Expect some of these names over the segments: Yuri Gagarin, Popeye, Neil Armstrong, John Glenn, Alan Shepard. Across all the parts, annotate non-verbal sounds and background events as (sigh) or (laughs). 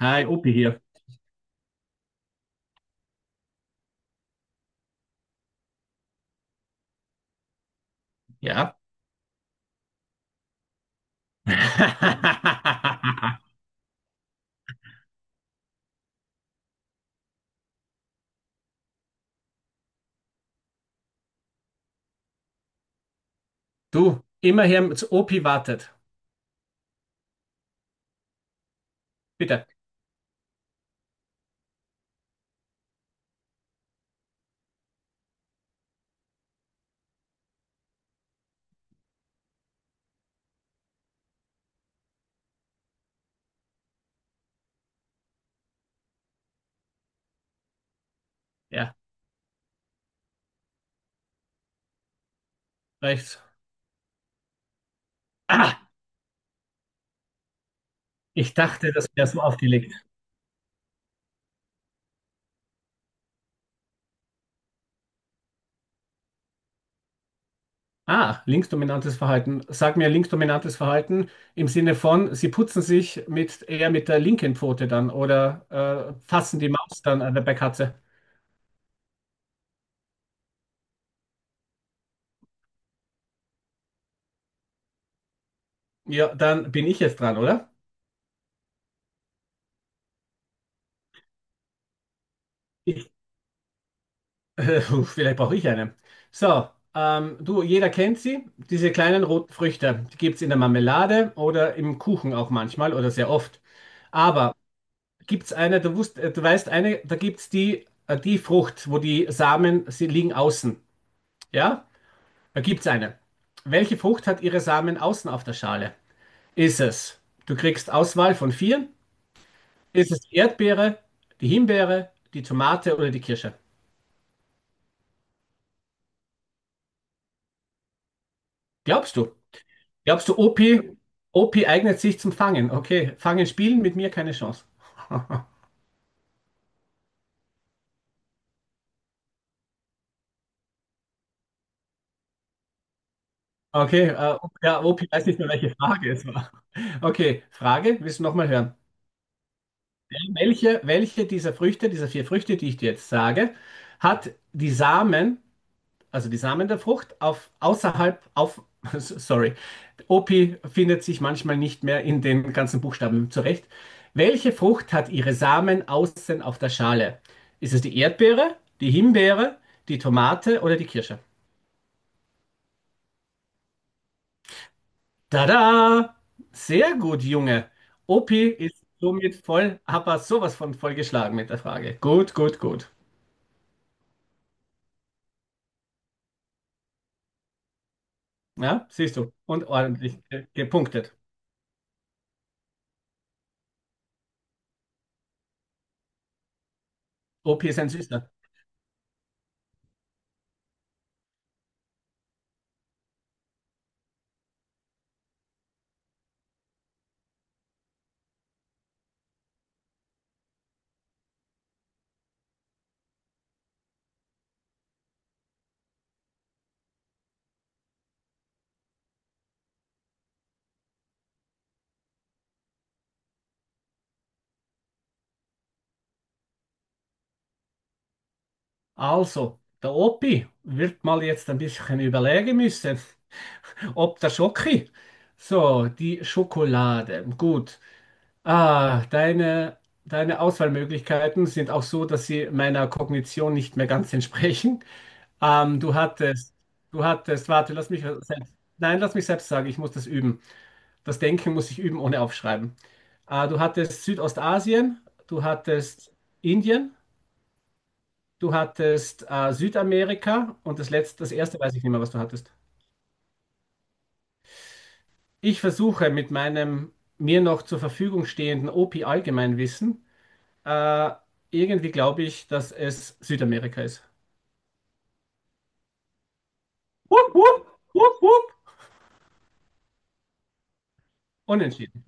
Hi, Opi hier. Ja. (laughs) Du, immer hier zu Opi wartet. Bitte. Ja, rechts. Ah, ich dachte, das wäre so aufgelegt. Ah, linksdominantes Verhalten. Sag mir linksdominantes Verhalten im Sinne von, sie putzen sich mit eher mit der linken Pfote dann oder fassen die Maus dann an der bei Katze. Ja, dann bin ich jetzt dran, oder? (laughs) Vielleicht brauche ich eine. So, du, jeder kennt sie, diese kleinen roten Früchte. Die gibt es in der Marmelade oder im Kuchen auch manchmal oder sehr oft. Aber gibt es eine, du weißt eine, da gibt es die Frucht, wo die Samen, sie liegen außen. Ja, da gibt es eine. Welche Frucht hat ihre Samen außen auf der Schale? Ist es, Du kriegst Auswahl von vier. Ist es die Erdbeere, die Himbeere, die Tomate oder die Kirsche? Glaubst du? Glaubst du, OP? OP eignet sich zum Fangen? Okay, Fangen spielen mit mir keine Chance. (laughs) Okay, ja, OP weiß nicht mehr, welche Frage es war. Okay, Frage, willst du nochmal hören? Ja, welche dieser Früchte, dieser vier Früchte, die ich dir jetzt sage, hat die Samen, also die Samen der Frucht, auf außerhalb, auf, (laughs) sorry, OP findet sich manchmal nicht mehr in den ganzen Buchstaben zurecht. Welche Frucht hat ihre Samen außen auf der Schale? Ist es die Erdbeere, die Himbeere, die Tomate oder die Kirsche? Tada! Sehr gut, Junge. Opi ist somit voll, aber sowas von vollgeschlagen mit der Frage. Gut, gut, gut. Ja, siehst du. Und ordentlich gepunktet. Opi ist ein Süßer. Also, der Opi wird mal jetzt ein bisschen überlegen müssen, ob der Schoki. So, die Schokolade. Gut. Ah, deine Auswahlmöglichkeiten sind auch so, dass sie meiner Kognition nicht mehr ganz (laughs) entsprechen. Ähm, du hattest, Du hattest, warte, lass mich selbst, nein, lass mich selbst sagen, ich muss das üben. Das Denken muss ich üben, ohne aufschreiben. Ah, du hattest Südostasien, du hattest Indien. Du hattest Südamerika und das erste weiß ich nicht mehr, was du hattest. Ich versuche mit meinem mir noch zur Verfügung stehenden OP-Allgemeinwissen, äh, irgendwie glaube ich, dass es Südamerika ist. Wupp, wupp, wupp, wupp. Unentschieden.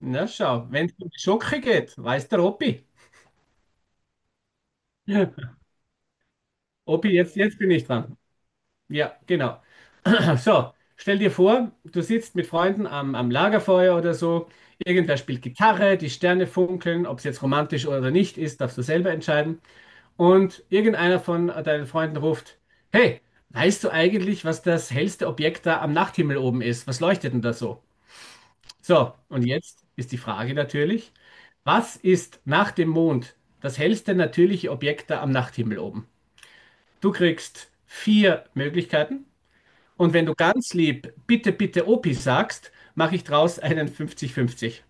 Na schau, wenn es um die Schocke geht, weiß der Opi. (laughs) Opi, jetzt bin ich dran. Ja, genau. So, stell dir vor, du sitzt mit Freunden am Lagerfeuer oder so. Irgendwer spielt Gitarre, die Sterne funkeln, ob es jetzt romantisch oder nicht ist, darfst du selber entscheiden. Und irgendeiner von deinen Freunden ruft: Hey, weißt du eigentlich, was das hellste Objekt da am Nachthimmel oben ist? Was leuchtet denn da so? So, und jetzt ist die Frage natürlich: Was ist nach dem Mond das hellste natürliche Objekt da am Nachthimmel oben? Du kriegst vier Möglichkeiten. Und wenn du ganz lieb bitte, bitte Opi sagst, mache ich draus einen 50-50.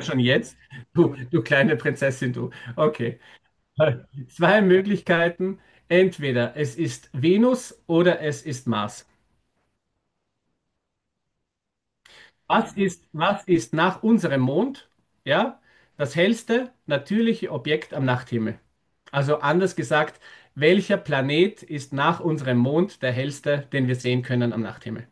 Schon jetzt? Du kleine Prinzessin, du. Okay. Zwei Möglichkeiten. Entweder es ist Venus oder es ist Mars. Was ist nach unserem Mond? Ja, das hellste natürliche Objekt am Nachthimmel. Also anders gesagt, welcher Planet ist nach unserem Mond der hellste, den wir sehen können am Nachthimmel?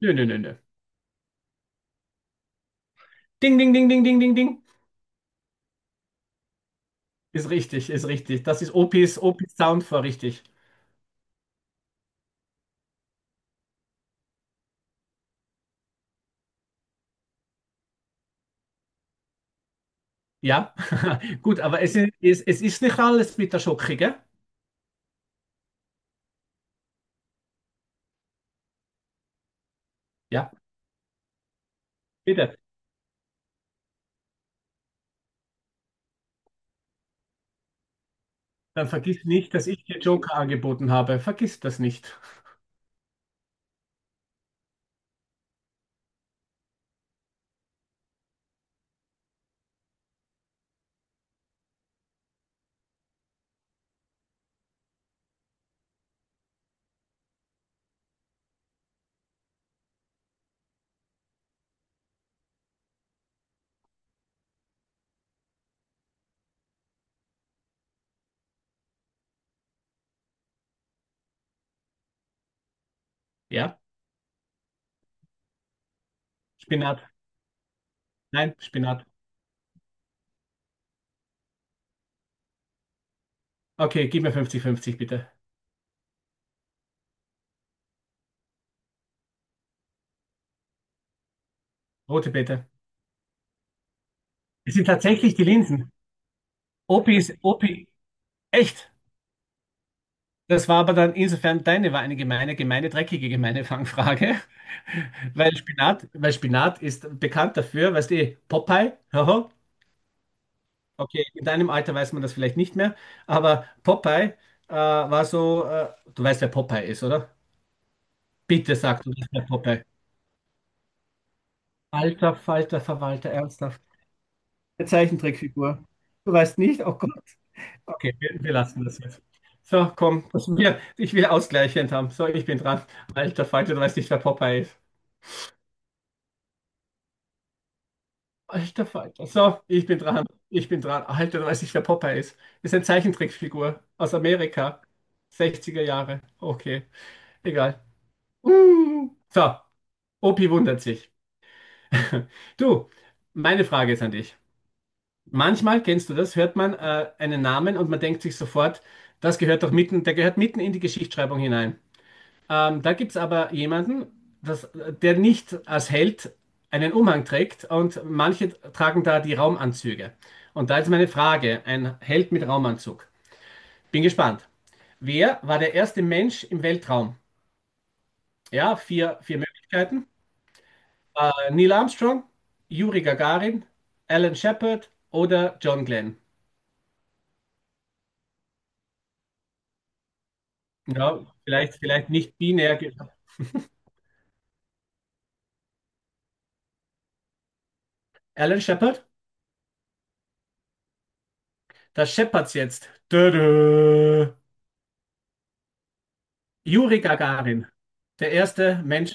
Nö, nö, nö, nö. Ding, ding, ding, ding, ding, ding, ding. Ist richtig, ist richtig. Das ist Opis Sound vor, richtig. Ja, (laughs) gut, aber es ist, es ist nicht alles mit der Schoki, gell? Ja, bitte. Dann vergiss nicht, dass ich dir Joker angeboten habe. Vergiss das nicht. Ja, Spinat. Nein, Spinat. Okay, gib mir fünfzig, fünfzig, bitte. Rote Beete. Es sind tatsächlich die Linsen. Opi, echt. Das war aber dann insofern deine, war eine gemeine, gemeine, dreckige, gemeine Fangfrage. (laughs) Weil Spinat ist bekannt dafür, weißt du, eh, Popeye, haha. Okay, in deinem Alter weiß man das vielleicht nicht mehr, aber Popeye war so, du weißt, wer Popeye ist, oder? Bitte sag, du weißt, wer Popeye. Alter Falter Verwalter, ernsthaft. Eine Zeichentrickfigur. Du weißt nicht? Oh Gott. Okay, wir lassen das jetzt. So, komm, ich will ausgleichend haben. So, ich bin dran. Alter Falter, du weißt nicht, wer Popeye ist. Alter Falter. So, ich bin dran. Ich bin dran. Alter, du weißt nicht, wer Popeye ist. Ist eine Zeichentrickfigur aus Amerika. 60er Jahre. Okay, egal. So, Opi wundert sich. (laughs) Du, meine Frage ist an dich. Manchmal, kennst du das, hört man einen Namen und man denkt sich sofort, das gehört doch mitten, der gehört mitten in die Geschichtsschreibung hinein. Da gibt es aber jemanden, der nicht als Held einen Umhang trägt und manche tragen da die Raumanzüge. Und da ist meine Frage, ein Held mit Raumanzug. Bin gespannt. Wer war der erste Mensch im Weltraum? Ja, vier Möglichkeiten. Neil Armstrong, Juri Gagarin, Alan Shepard oder John Glenn. Ja, vielleicht, vielleicht nicht binär. Alan Shepard, das Shepards jetzt. Tada. Juri Gagarin, der erste Mensch,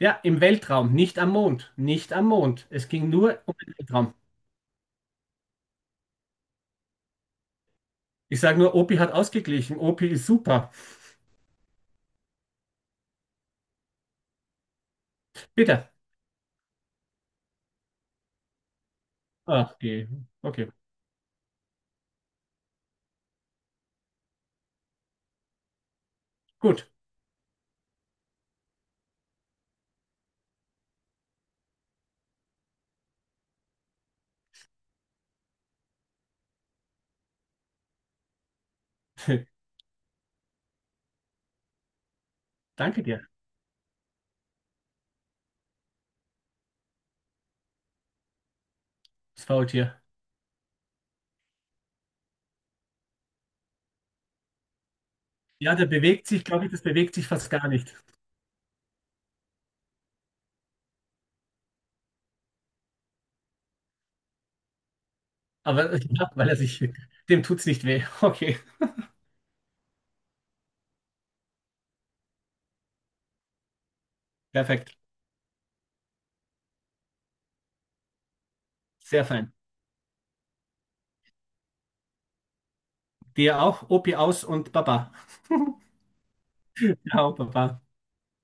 ja, im Weltraum, nicht am Mond, nicht am Mond. Es ging nur um den Weltraum. Ich sage nur, Opi hat ausgeglichen. Opi ist super. Bitte. Ach, okay. Okay, gut. (laughs) Danke dir, das Faultier. Ja, der bewegt sich, glaube ich, das bewegt sich fast gar nicht. Aber (laughs) ja, weil er sich, (laughs) dem tut's nicht weh. (laughs) Okay, perfekt. Sehr fein. Dir auch, Opi aus und Baba. (laughs) Ciao, Baba.